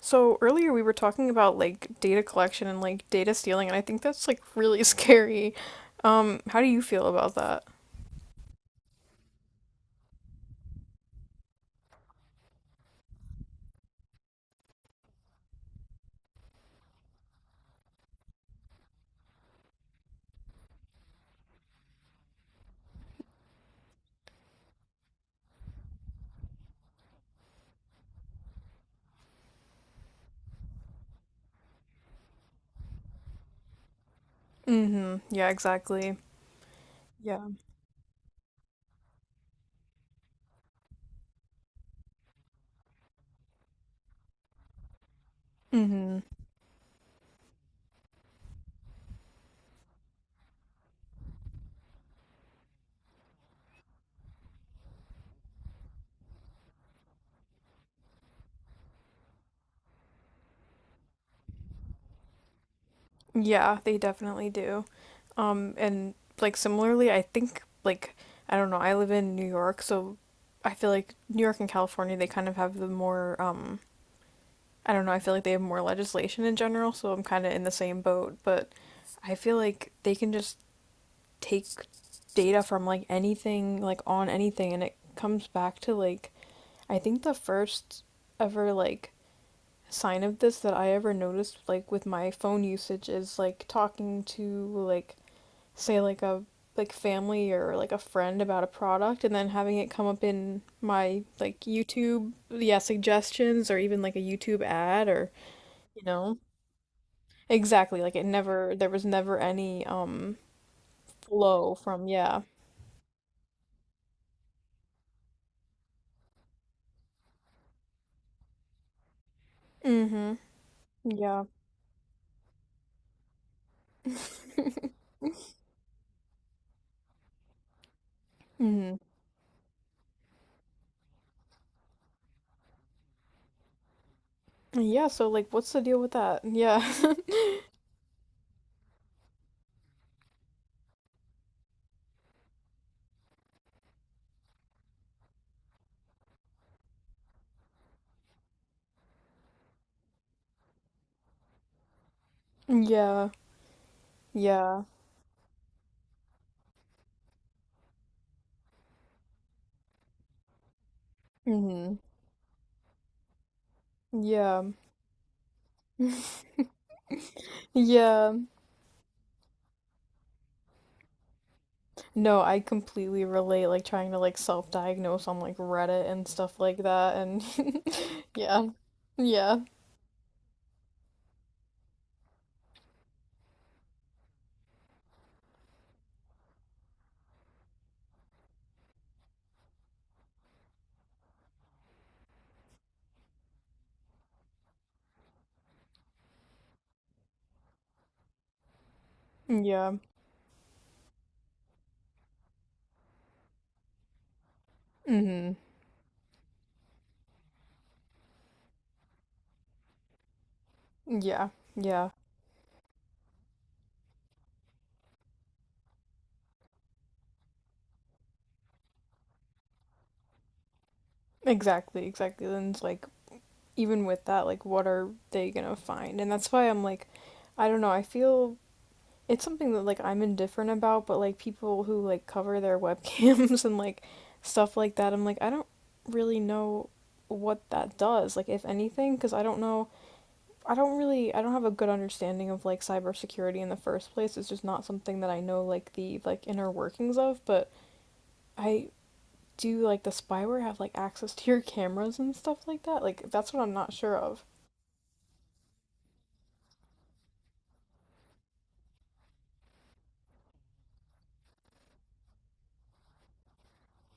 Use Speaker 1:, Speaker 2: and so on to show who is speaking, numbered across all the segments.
Speaker 1: So earlier we were talking about like data collection and like data stealing, and I think that's like really scary. How do you feel about that? Mm-hmm. Yeah, exactly. Yeah. Mm-hmm. Yeah, they definitely do. And like similarly, I think like, I don't know, I live in New York, so I feel like New York and California, they kind of have the more I don't know, I feel like they have more legislation in general, so I'm kind of in the same boat, but I feel like they can just take data from like anything, like on anything, and it comes back to like I think the first ever like sign of this that I ever noticed like with my phone usage is like talking to like say like a like family or like a friend about a product and then having it come up in my like YouTube, yeah, suggestions or even like a YouTube ad or you know exactly, like it never, there was never any flow from, yeah. Mm-hmm. Yeah. Hmm. Yeah, so like what's the deal with that? Yeah. Yeah. Yeah. Hmm. Yeah. Yeah. No, I completely relate, like trying to like self-diagnose on like Reddit and stuff like that and yeah. Yeah. Yeah. Hmm. Yeah. Yeah. Exactly, exactly. Then it's like even with that, like what are they gonna find? And that's why I'm like I don't know, I feel it's something that like I'm indifferent about, but like people who like cover their webcams and like stuff like that, I'm like I don't really know what that does, like if anything, because I don't know. I don't really, I don't have a good understanding of like cybersecurity in the first place. It's just not something that I know like the like inner workings of, but I, do like the spyware have like access to your cameras and stuff like that? Like that's what I'm not sure of.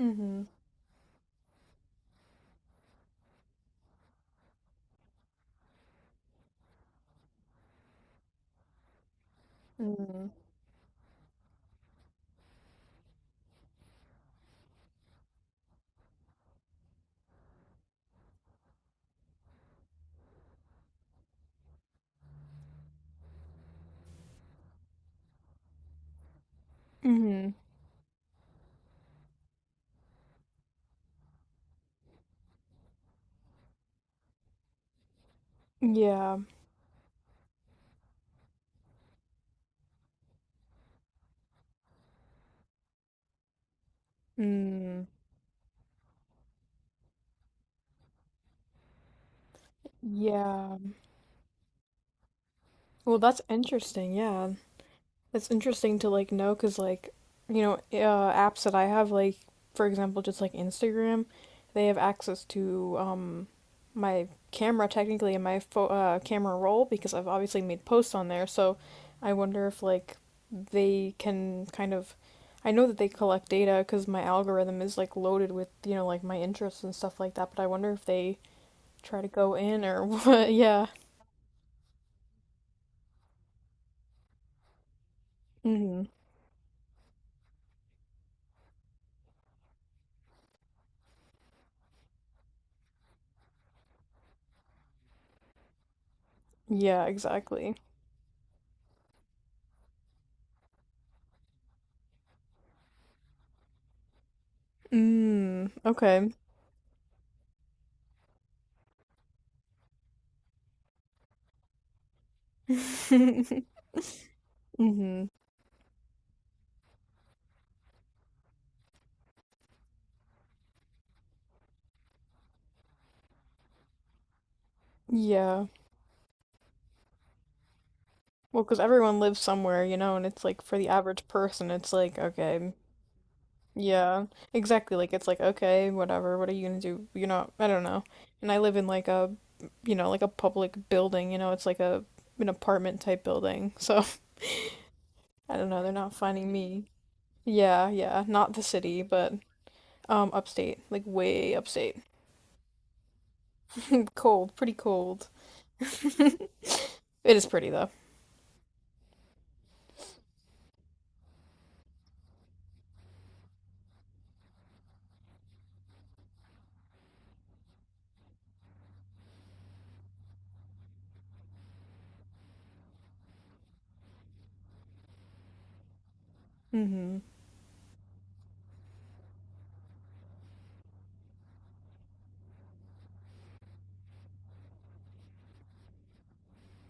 Speaker 1: Mm-hmm. Mm-hmm. Mm-hmm. Yeah. Mm. Yeah. Well, that's interesting. Yeah. That's interesting to like know because like, you know, apps that I have like, for example, just like Instagram, they have access to my camera technically and my pho camera roll because I've obviously made posts on there. So I wonder if like they can kind of I know that they collect data because my algorithm is like loaded with, you know, like my interests and stuff like that, but I wonder if they try to go in or what. Yeah. Hmm. Yeah, exactly. Mm, okay. Hmm. Yeah. Well, because everyone lives somewhere, you know, and it's like for the average person, it's like, okay, yeah, exactly. Like, it's like, okay, whatever, what are you gonna do? You're not, I don't know. And I live in like a, you know, like a public building, you know, it's like a, an apartment type building. So, I don't know, they're not finding me. Yeah, yeah, not the city, but upstate, like way upstate. Cold, pretty cold. It is pretty though. Hmm.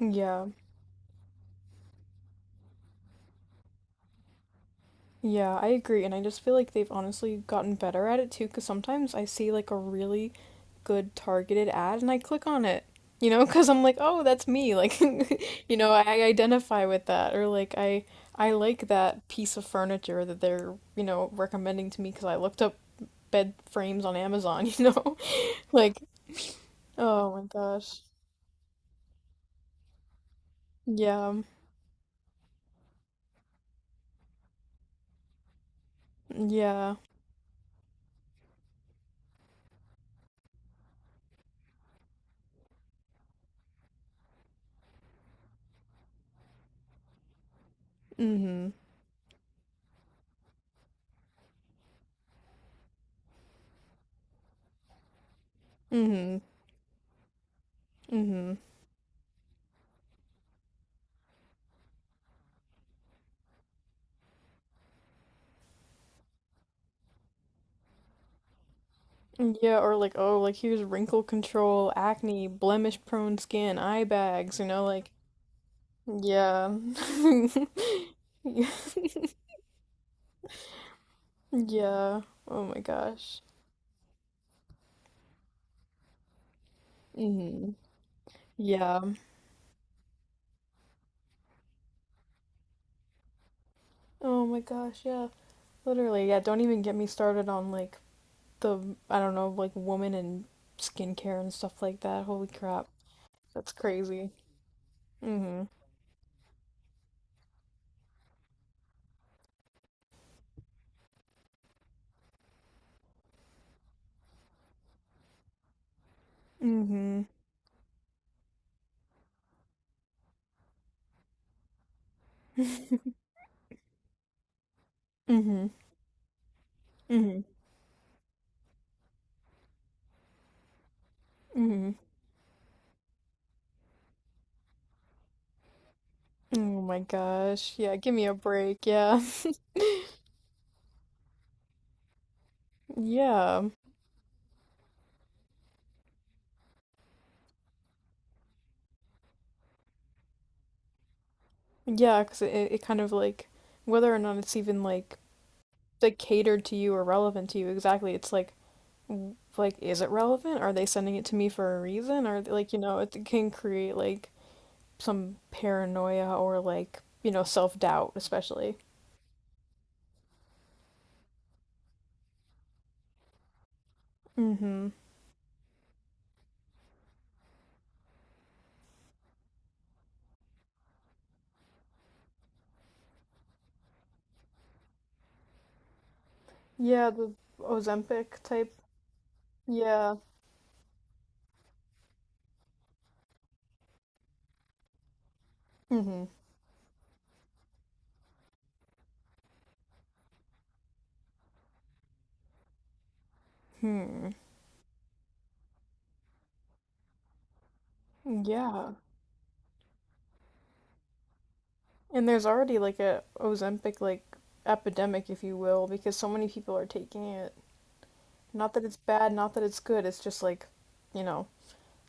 Speaker 1: Yeah. Yeah, I agree. And I just feel like they've honestly gotten better at it too, because sometimes I see like a really good targeted ad and I click on it, you know, because I'm like, oh, that's me. Like, you know, I identify with that. Or like, I like that piece of furniture that they're, you know, recommending to me because I looked up bed frames on Amazon, you know? Like, oh my gosh. Yeah. Yeah. Mm-hmm. Mm-hmm. Mm-hmm. Yeah, or like, oh, like here's wrinkle control, acne, blemish prone skin, eye bags, you know, like, yeah. Yeah. Oh my gosh. Hmm. Yeah. Oh my gosh, yeah. Literally, yeah, don't even get me started on like the, I don't know, like woman and skincare and stuff like that. Holy crap. That's crazy. Mm-hmm. Mm-hmm. Mm-hmm. Mm-hmm. Mm-hmm. Oh my gosh. Yeah, give me a break. Yeah. Yeah. Yeah, because it kind of like whether or not it's even like catered to you or relevant to you exactly, it's like w- like is it relevant? Are they sending it to me for a reason? Or like, you know, it can create like some paranoia or like, you know, self-doubt especially. Mm-hmm. Yeah, the Ozempic type. Yeah. Mm-hmm. Hmm. Yeah. And there's already like a Ozempic like epidemic, if you will, because so many people are taking it. Not that it's bad, not that it's good. It's just like, you know,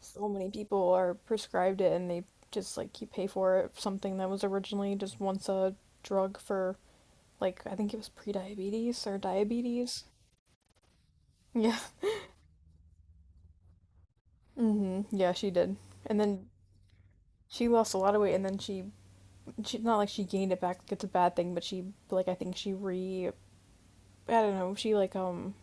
Speaker 1: so many people are prescribed it and they just like you pay for it, something that was originally just once a drug for like I think it was pre-diabetes or diabetes. Yeah. Mhm. Yeah, she did. And then she lost a lot of weight and then she not like she gained it back, like it's a bad thing, but she like I think she re I don't know, she like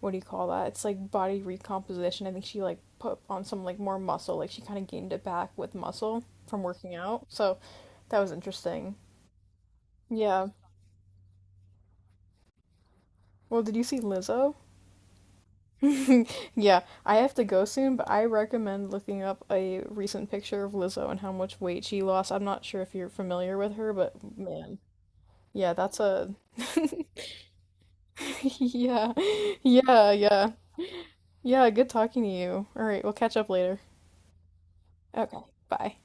Speaker 1: what do you call that? It's like body recomposition. I think she like put on some like more muscle. Like she kind of gained it back with muscle from working out. So that was interesting. Yeah. Well, did you see Lizzo? Yeah, I have to go soon, but I recommend looking up a recent picture of Lizzo and how much weight she lost. I'm not sure if you're familiar with her, but man, yeah, that's a yeah. Yeah, yeah. Yeah, good talking to you. All right, we'll catch up later. Okay, bye.